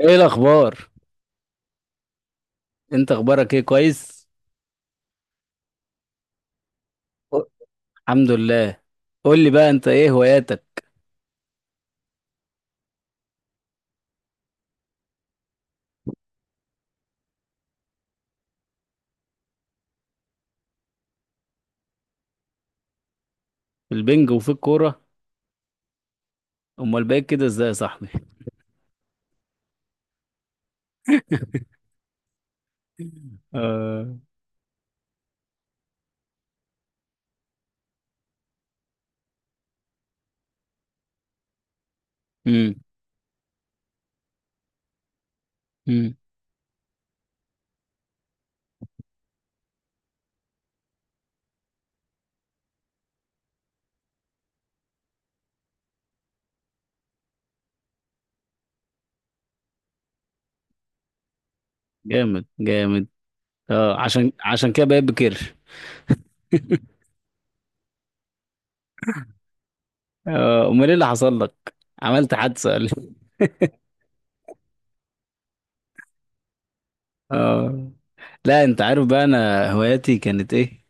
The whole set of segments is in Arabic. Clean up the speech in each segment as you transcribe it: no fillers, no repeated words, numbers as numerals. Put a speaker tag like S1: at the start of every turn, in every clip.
S1: ايه الاخبار؟ انت اخبارك ايه، كويس؟ أه. الحمد لله. قول لي بقى، انت ايه هواياتك؟ في البنج وفي الكوره؟ امال بقيت كده ازاي يا صاحبي؟ آه. امم، امم. جامد جامد. اه، عشان كده بقيت بكير. اه. امال ايه اللي حصل لك، عملت حادثه ولا إيه؟ آه، لا انت عارف بقى انا هواياتي كانت ايه.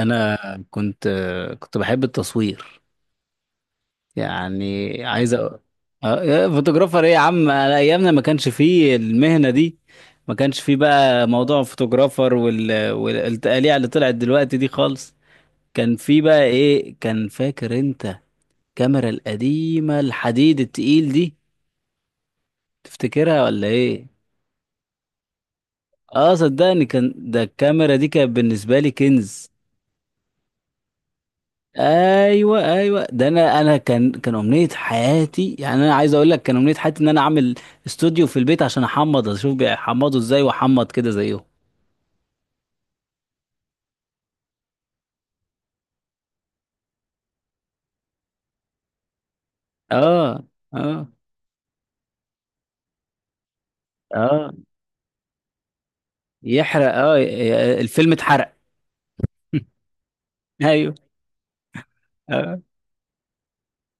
S1: انا كنت كنت بحب التصوير، يعني عايز آه، يا فوتوغرافر ايه يا عم، على ايامنا ما كانش فيه المهنه دي. ما كانش فيه بقى موضوع الفوتوغرافر والتقاليع اللي طلعت دلوقتي دي خالص. كان فيه بقى ايه، كان فاكر انت الكاميرا القديمه الحديد التقيل دي؟ تفتكرها ولا ايه؟ اه صدقني، كان ده، الكاميرا دي كانت بالنسبه لي كنز. ايوه، ايوه، ده انا كان امنيه حياتي، يعني انا عايز اقول لك كان امنيه حياتي ان انا اعمل استوديو في البيت عشان احمض، اشوف بيحمضوا ازاي واحمض كده زيهم. اه، اه، اه، يحرق، اه، الفيلم اتحرق. ايوه. اه،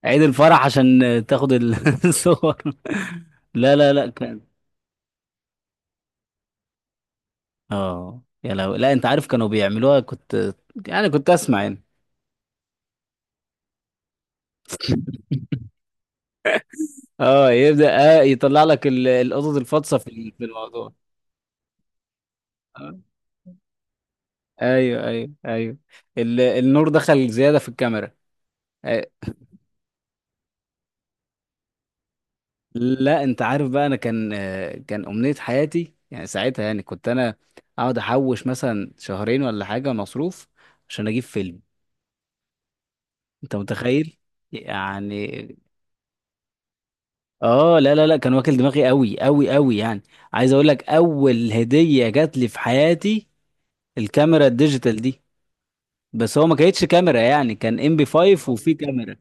S1: عيد الفرح عشان تاخد الصور. لا، لا، لا، كان... اه، يا لو، لا انت عارف كانوا بيعملوها، كنت يعني كنت اسمع يعني. اه يبدأ، اه يطلع لك القطط الفاطسه في الموضوع. آه. ايوه، ايوه، ايوه، النور دخل زياده في الكاميرا. آه، لا انت عارف بقى، انا كان، آه، كان امنيه حياتي يعني، ساعتها يعني كنت انا اقعد احوش مثلا شهرين ولا حاجه مصروف عشان اجيب فيلم. انت متخيل يعني؟ اه، لا، لا، لا، كان واكل دماغي قوي قوي قوي، يعني عايز اقول لك، اول هديه جات لي في حياتي الكاميرا الديجيتال دي. بس هو ما كانتش كاميرا يعني، كان ام بي 5 وفي كاميرا.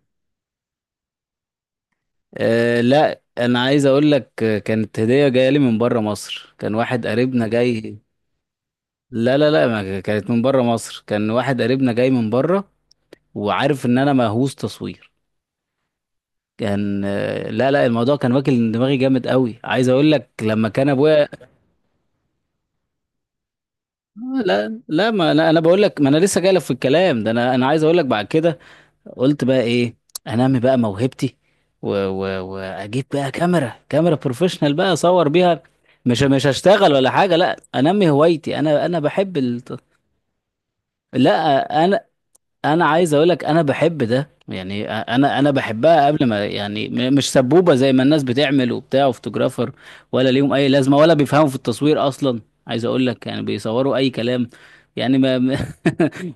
S1: أه لا، انا عايز اقول لك، آه، كانت هديه جايه لي من بره مصر، كان واحد قريبنا جاي. لا، لا، لا، ما كانت من بره مصر، كان واحد قريبنا جاي من بره وعارف ان انا مهووس تصوير. كان، آه، لا، لا، الموضوع كان واكل دماغي جامد قوي. عايز اقول لك لما كان ابويا... آه، لا، لا، ما انا بقول لك، ما انا لسه جاي لك في الكلام ده. انا عايز اقول لك، بعد كده قلت بقى ايه، انمي بقى موهبتي، و... و... واجيب بقى كاميرا، كاميرا بروفيشنال بقى اصور بيها. مش هشتغل ولا حاجه، لا انمي هوايتي، انا بحب لا انا، انا عايز اقول لك انا بحب ده، يعني انا بحبها قبل ما، يعني مش سبوبه زي ما الناس بتعمل وبتاع وفوتوغرافر ولا ليهم اي لازمه، ولا بيفهموا في التصوير اصلا. عايز اقول لك يعني بيصوروا اي كلام يعني ما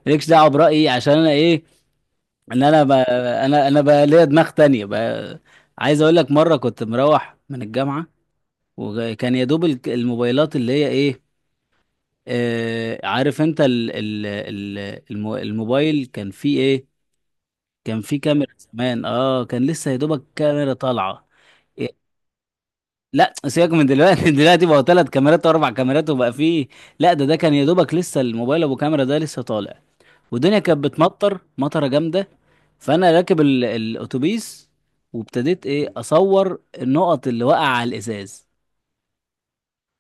S1: مالكش دعوه برايي، عشان انا ايه، ان انا بقى ليا دماغ تانية بقى. عايز اقول لك مره كنت مروح من الجامعه، وكان يا دوب الموبايلات اللي هي ايه، آه، عارف انت الموبايل كان فيه ايه، كان فيه كاميرا زمان. اه كان لسه يا دوبك كاميرا طالعه. إيه، لا سيبك من دلوقتي، دلوقتي بقى ثلاث كاميرات واربع كاميرات وبقى فيه. لا ده كان يا دوبك لسه الموبايل ابو كاميرا ده لسه طالع. والدنيا كانت بتمطر مطره جامده، فانا راكب الاتوبيس، وابتديت ايه اصور النقط اللي وقع على الازاز.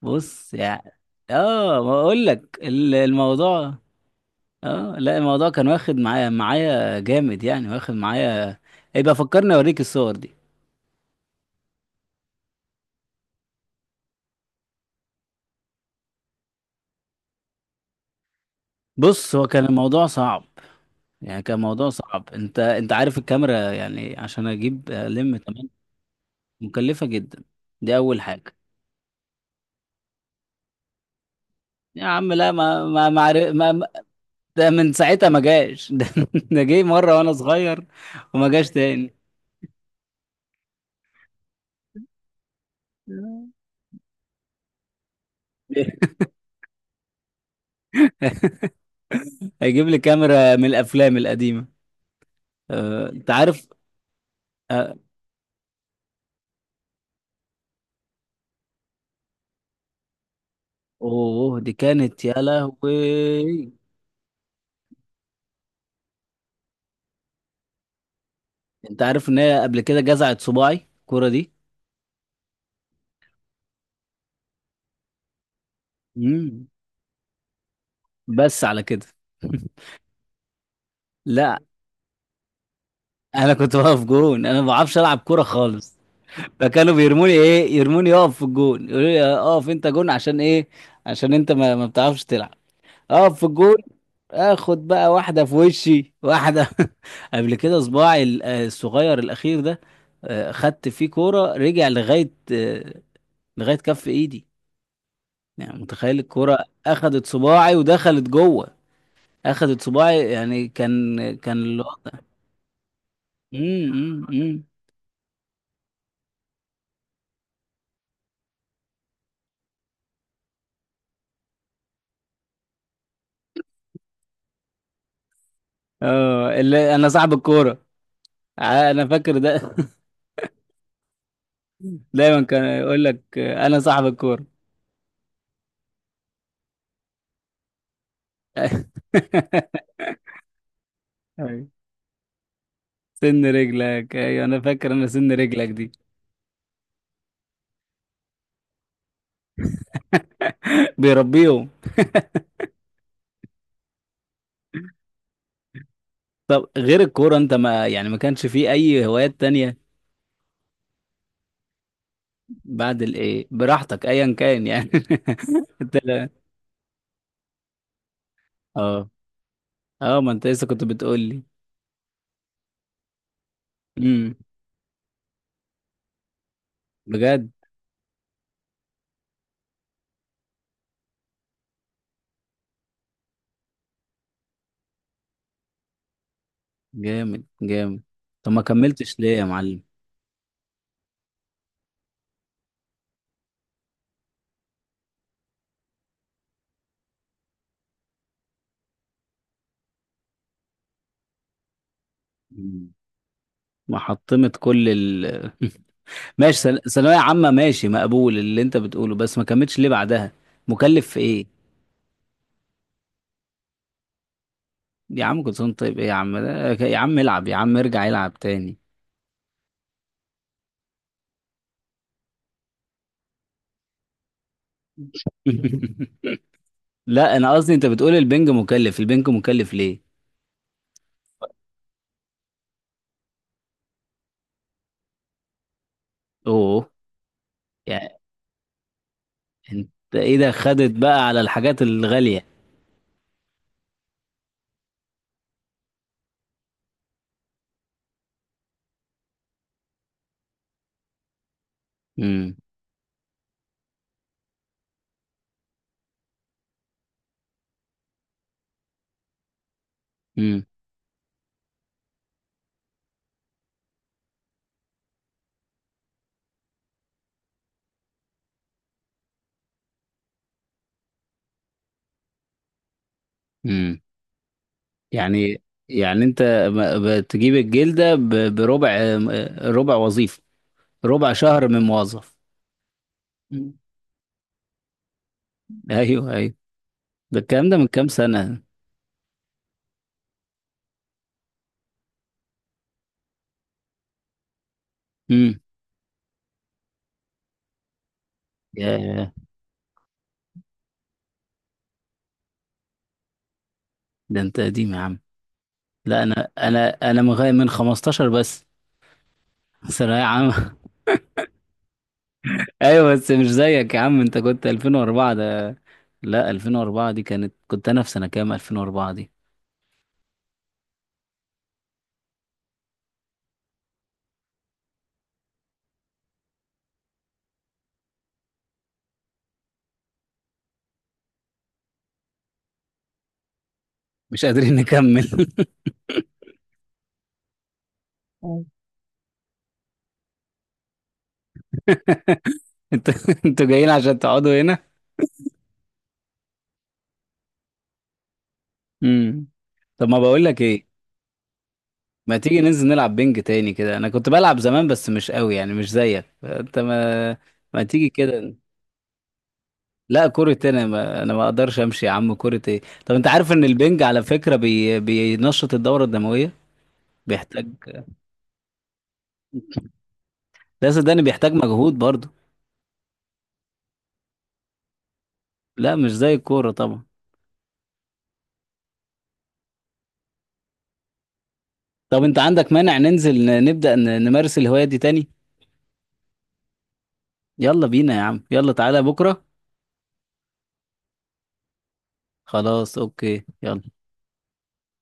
S1: بص يعني. اه ما اقول لك الموضوع، اه لا الموضوع كان واخد معايا معايا جامد يعني واخد معايا. يبقى فكرني اوريك الصور دي. بص، هو كان الموضوع صعب يعني، كان موضوع صعب، انت عارف الكاميرا يعني، عشان اجيب الم تمام. مكلفة جدا، دي اول حاجة. يا عم لا، ما ما ما, عارف- ما ده من ساعتها ما جاش. ده، ده جه مرة وانا صغير وما جاش تاني. هيجيب لي كاميرا من الافلام القديمه. آه، انت عارف. آه، اوه دي كانت يا لهوي. انت عارف ان هي قبل كده جزعت صباعي الكوره دي. مم. بس على كده. لا انا كنت واقف جون، انا ما بعرفش العب كوره خالص. فكانوا بيرموني، ايه، يرموني اقف في الجون يقولوا لي آه، اقف انت جون، عشان ايه، عشان انت ما, ما بتعرفش تلعب، اقف في الجول. اخد بقى واحده في وشي واحده. قبل كده صباعي آه، الصغير الاخير ده، آه، خدت فيه كوره، رجع لغايه، آه، لغايه كف ايدي، يعني متخيل الكوره، اخدت صباعي ودخلت جوه. اخدت صباعي يعني كان الوضع... امم، امم، أمم. اه اللي انا صاحب الكوره. ع-، انا فاكر ده. دايما كان يقول لك آه، انا صاحب الكوره. أيوة. سن رجلك، ايوه انا فاكر، انا سن رجلك دي. بيربيهم. طب غير الكورة انت ما يعني، ما كانش فيه اي هوايات تانية؟ بعد الايه، براحتك ايا كان يعني. انت لا. اه، اه، ما انت لسه كنت بتقول لي. امم. بجد. جامد جامد. طب ما كملتش ليه يا معلم؟ مم. ما حطمت كل ال... ماشي، ثانوية عامة ماشي، مقبول اللي انت بتقوله، بس ما كملتش ليه بعدها؟ مكلف في ايه؟ يا عم كنت طيب ايه، يا عم ده- يا عم العب يا عم، ارجع العب تاني. لا انا قصدي، انت بتقول البنج مكلف، البنج مكلف ليه؟ اوه. يعني انت ايه ده، خدت بقى على الحاجات الغالية. امم، امم، امم. يعني، يعني انت ب- بتجيب الجلدة ب- بربع، ربع وظيفة، ربع شهر من موظف. مم. ايوه، ايوه. ده الكلام ده من كام سنة؟ امم. يا، ده انت قديم يا عم. لا انا من غاية- من 15 بس، ثانوية عامة. ايوه بس مش زيك يا عم، انت كنت 2004 ده. لا 2004، دي كانت، كنت انا في سنة كام 2004 دي؟ مش قادرين نكمل. أيوة. انتوا انتوا جايين عشان تقعدوا هنا؟ امم. طب ما بقول لك ايه، ما تيجي ننزل نلعب بينج تاني كده، انا كنت بلعب زمان بس مش قوي يعني مش زيك انت، ما تيجي كده. لا كرة انا ما... انا ما اقدرش امشي يا عم، كرة ايه، طب انت عارف ان البنج على فكرة بينشط الدورة الدموية، بيحتاج، لا صدقني بيحتاج مجهود برضه. لا مش زي الكورة طبعا. طب انت عندك مانع ننزل نبدأ نمارس الهواية دي تاني؟ يلا بينا يا عم، يلا تعالى بكرة. خلاص اوكي، يلا.